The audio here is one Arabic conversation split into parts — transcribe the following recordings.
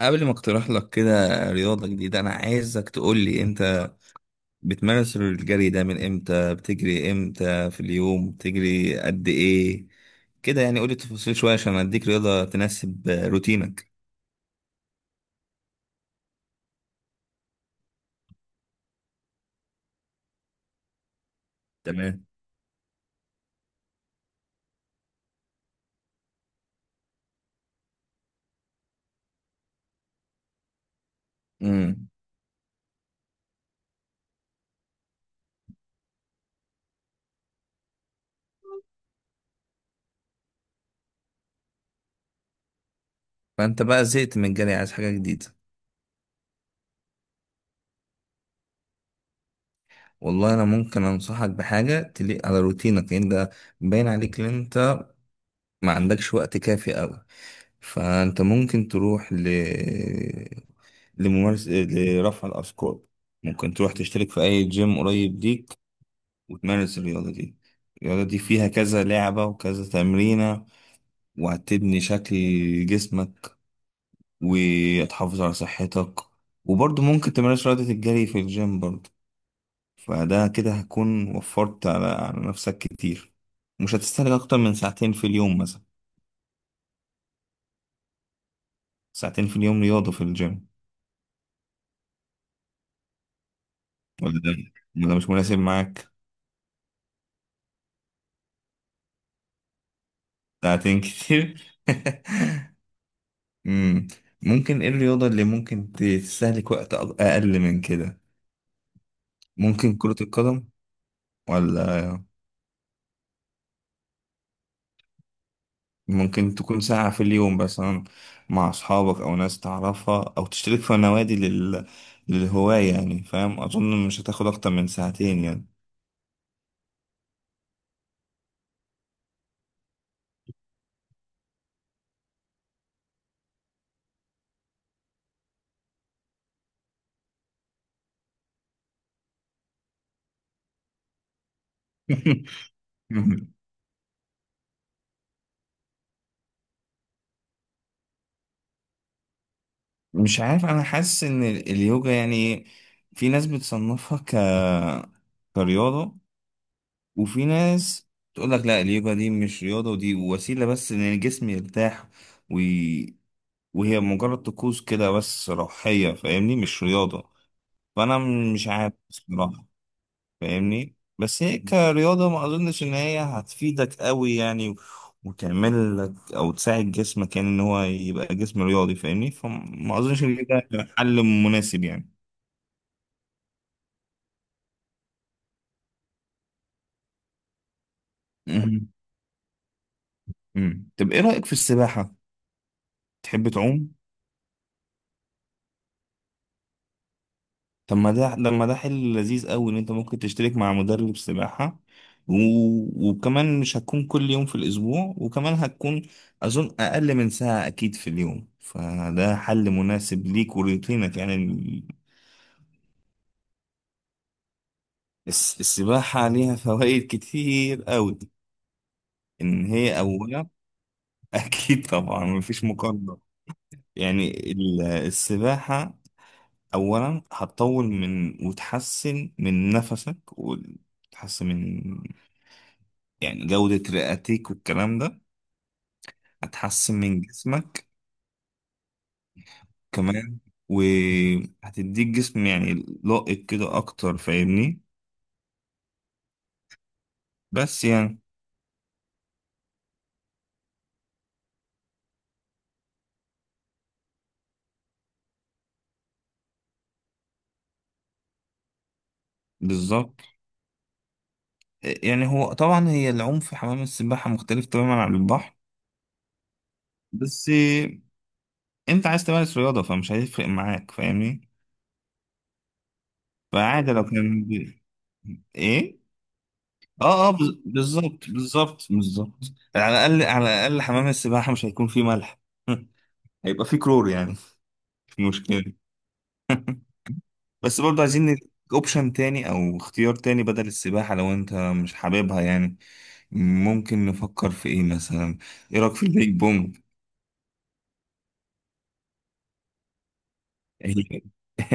قبل ما اقترح لك كده رياضة جديدة، أنا عايزك تقول لي: أنت بتمارس الجري ده من إمتى؟ بتجري إمتى في اليوم؟ بتجري قد إيه كده يعني؟ قول لي تفاصيل شوية عشان أديك رياضة تناسب روتينك. تمام. امم. فأنت بقى زهقت من الجري، عايز حاجة جديدة؟ والله أنا ممكن أنصحك بحاجة تليق على روتينك، لأن ده باين عليك إن أنت ما عندكش وقت كافي أوي. فأنت ممكن تروح لممارسة لرفع الأثقال. ممكن تروح تشترك في أي جيم قريب ليك وتمارس الرياضة دي. الرياضة دي فيها كذا لعبة وكذا تمرينة، وهتبني شكل جسمك وتحافظ على صحتك. وبرضه ممكن تمارس رياضة الجري في الجيم برضه. فده كده هتكون وفرت على نفسك كتير. مش هتستهلك أكتر من ساعتين في اليوم مثلا. ساعتين في اليوم رياضة في الجيم. ولا ده، ولا مش مناسب معاك؟ ساعتين كتير امم. ممكن ايه الرياضة اللي ممكن تستهلك وقت اقل من كده؟ ممكن كرة القدم، ولا ممكن تكون ساعة في اليوم مثلا مع اصحابك او ناس تعرفها او تشترك في نوادي للهواية يعني. فاهم؟ اظن مش هتاخد اكتر من ساعتين يعني. مش عارف، انا حاسس ان اليوجا يعني في ناس بتصنفها كرياضة، وفي ناس تقول لك: لا، اليوجا دي مش رياضة، ودي وسيلة بس ان الجسم يرتاح، وي... وهي مجرد طقوس كده بس روحية، فاهمني؟ مش رياضة. فانا مش عارف بصراحة. فاهمني؟ بس هي كرياضة ما اظنش ان هي هتفيدك قوي يعني، وتعمل لك او تساعد جسمك يعني، ان هو يبقى جسم رياضي، فاهمني؟ فما اظنش ان ده حل مناسب يعني. مهم. مم. طب ايه رأيك في السباحة؟ تحب تعوم؟ طب ما ده، لما ده حل لذيذ قوي، ان انت ممكن تشترك مع مدرب سباحة، و... وكمان مش هتكون كل يوم في الاسبوع، وكمان هتكون اظن اقل من ساعة اكيد في اليوم. فده حل مناسب ليك ولروتينك يعني السباحة ليها فوائد كتير قوي. ان هي اولا اكيد طبعا مفيش مقارنة. يعني السباحة اولا هتطول من، وتحسن من نفسك، وتحسن من يعني جودة رئتك والكلام ده، هتحسن من جسمك كمان، وهتديك جسم يعني لائق كده أكتر، فاهمني؟ بس يعني. بالظبط. يعني هو طبعا هي العوم في حمام السباحة مختلف تماما عن البحر. بس أنت عايز تمارس رياضة فمش هيفرق معاك، فاهمني؟ فعادي لو كان إيه؟ اه، اه، بالظبط، بالظبط، بالظبط. على الأقل على الأقل حمام السباحة مش هيكون فيه ملح هيبقى فيه كلور يعني. مش مشكلة. بس برضه عايزين نديك اوبشن تاني او اختيار تاني بدل السباحة لو انت مش حاببها يعني. ممكن نفكر في ايه مثلا؟ ايه رأيك في البيج بونج؟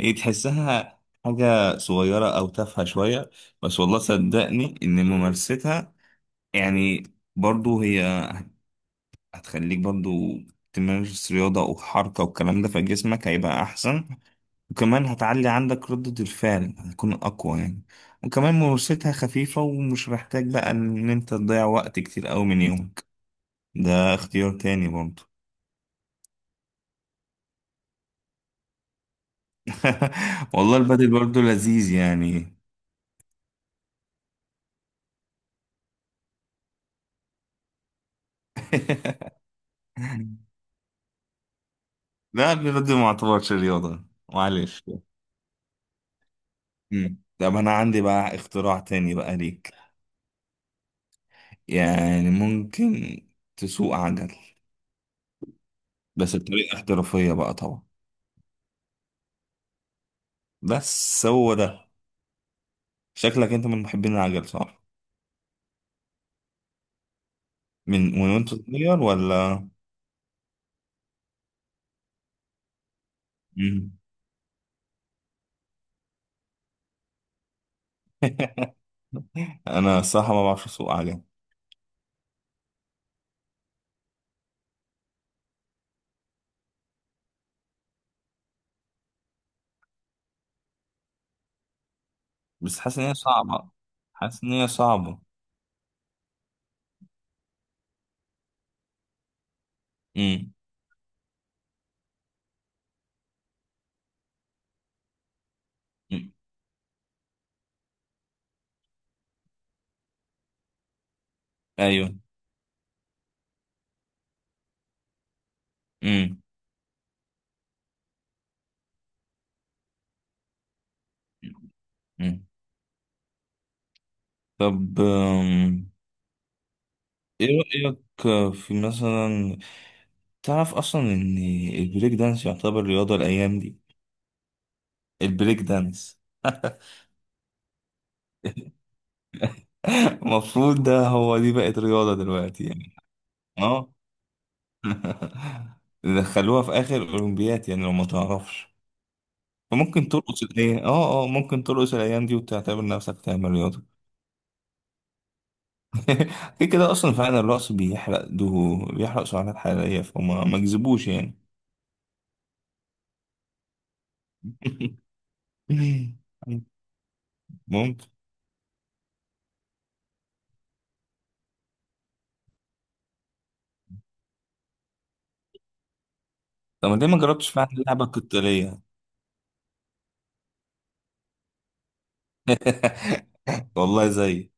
هي تحسها حاجة صغيرة او تافهة شوية، بس والله صدقني ان ممارستها يعني برضه هي هتخليك برضه تمارس رياضة وحركة والكلام ده، فجسمك هيبقى احسن. وكمان هتعلي عندك ردة الفعل، هتكون أقوى يعني. وكمان ممارستها خفيفة، ومش محتاج بقى إن أنت تضيع وقت كتير أوي من يومك. ده اختيار تاني برضه. والله البادل برضه لذيذ يعني. لا، البادل ما اعتبرش رياضة. معلش. مم. طب أنا عندي بقى اختراع تاني بقى ليك. يعني ممكن تسوق عجل، بس بطريقة احترافية بقى طبعا. بس هو ده، شكلك أنت من محبين العجل صح؟ من وانت صغير ولا؟ مم. انا الصراحه ما بعرفش اسوق عجل. بس حاسس ان هي صعبه، حاسس ان هي صعبه. امم. أمم. ايوه. امم. أمم. طب ايه رايك في مثلا، تعرف اصلا ان البريك دانس يعتبر رياضه الايام دي؟ البريك دانس. المفروض ده هو، دي بقت رياضه دلوقتي يعني. اه. دخلوها في اخر اولمبيات يعني لو ما تعرفش. ممكن ترقص الايام اه، اه، ممكن ترقص الايام دي وتعتبر نفسك تعمل رياضه. كده كده اصلا فعلا الرقص بيحرق، بيحرق سعرات حراريه، فما ما كذبوش يعني. ممكن. طب ما ليه ما جربتش فعلا اللعبه القتاليه؟ والله زي.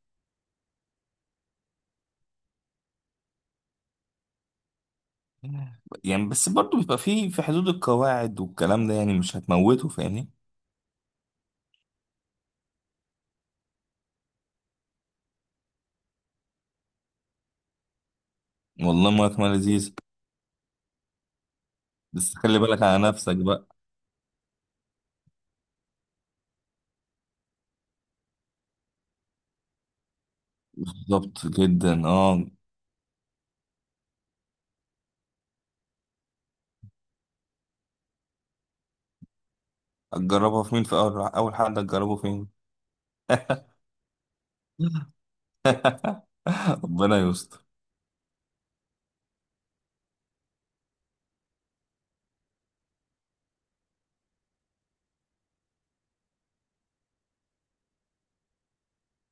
يعني بس برضو بيبقى في حدود القواعد والكلام ده، يعني مش هتموته، فاهمني؟ والله ما لذيذ. بس خلي بالك على نفسك بقى. بالظبط جدا، اه. هتجربها في مين؟ في اول اول حد هتجربه فين؟ ربنا يستر.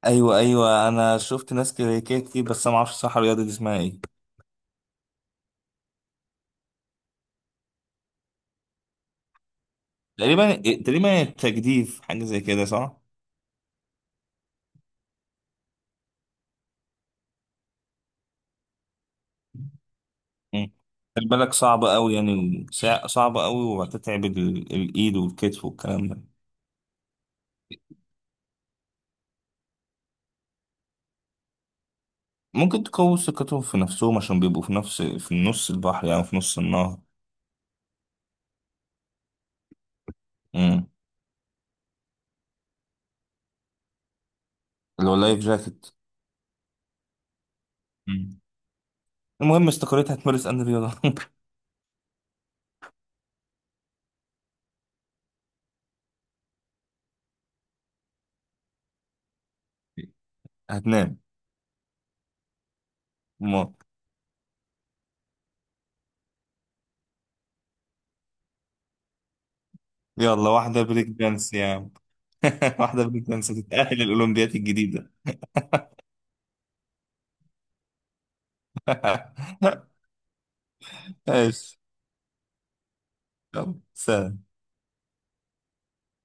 ايوه، ايوه، انا شفت ناس كده كده كتير، بس انا ما اعرفش صح الرياضه دي اسمها ايه. تقريبا تقريبا التجديف حاجه زي كده صح؟ مم. خلي بالك صعبه قوي يعني، صعبه قوي، وهتتعب الايد والكتف والكلام ده. ممكن تقوي ثقتهم في نفسهم عشان بيبقوا في نص البحر، يعني في نص النهر. امم. اللي هو اللايف جاكيت. مم. المهم استقريت هتمارس ان رياضه هتنام؟ مم. يلا واحده بريك دانس يعني. واحدة بريك دانس هتتأهل الأولمبيات الجديدة. ماشي. يلا سلام.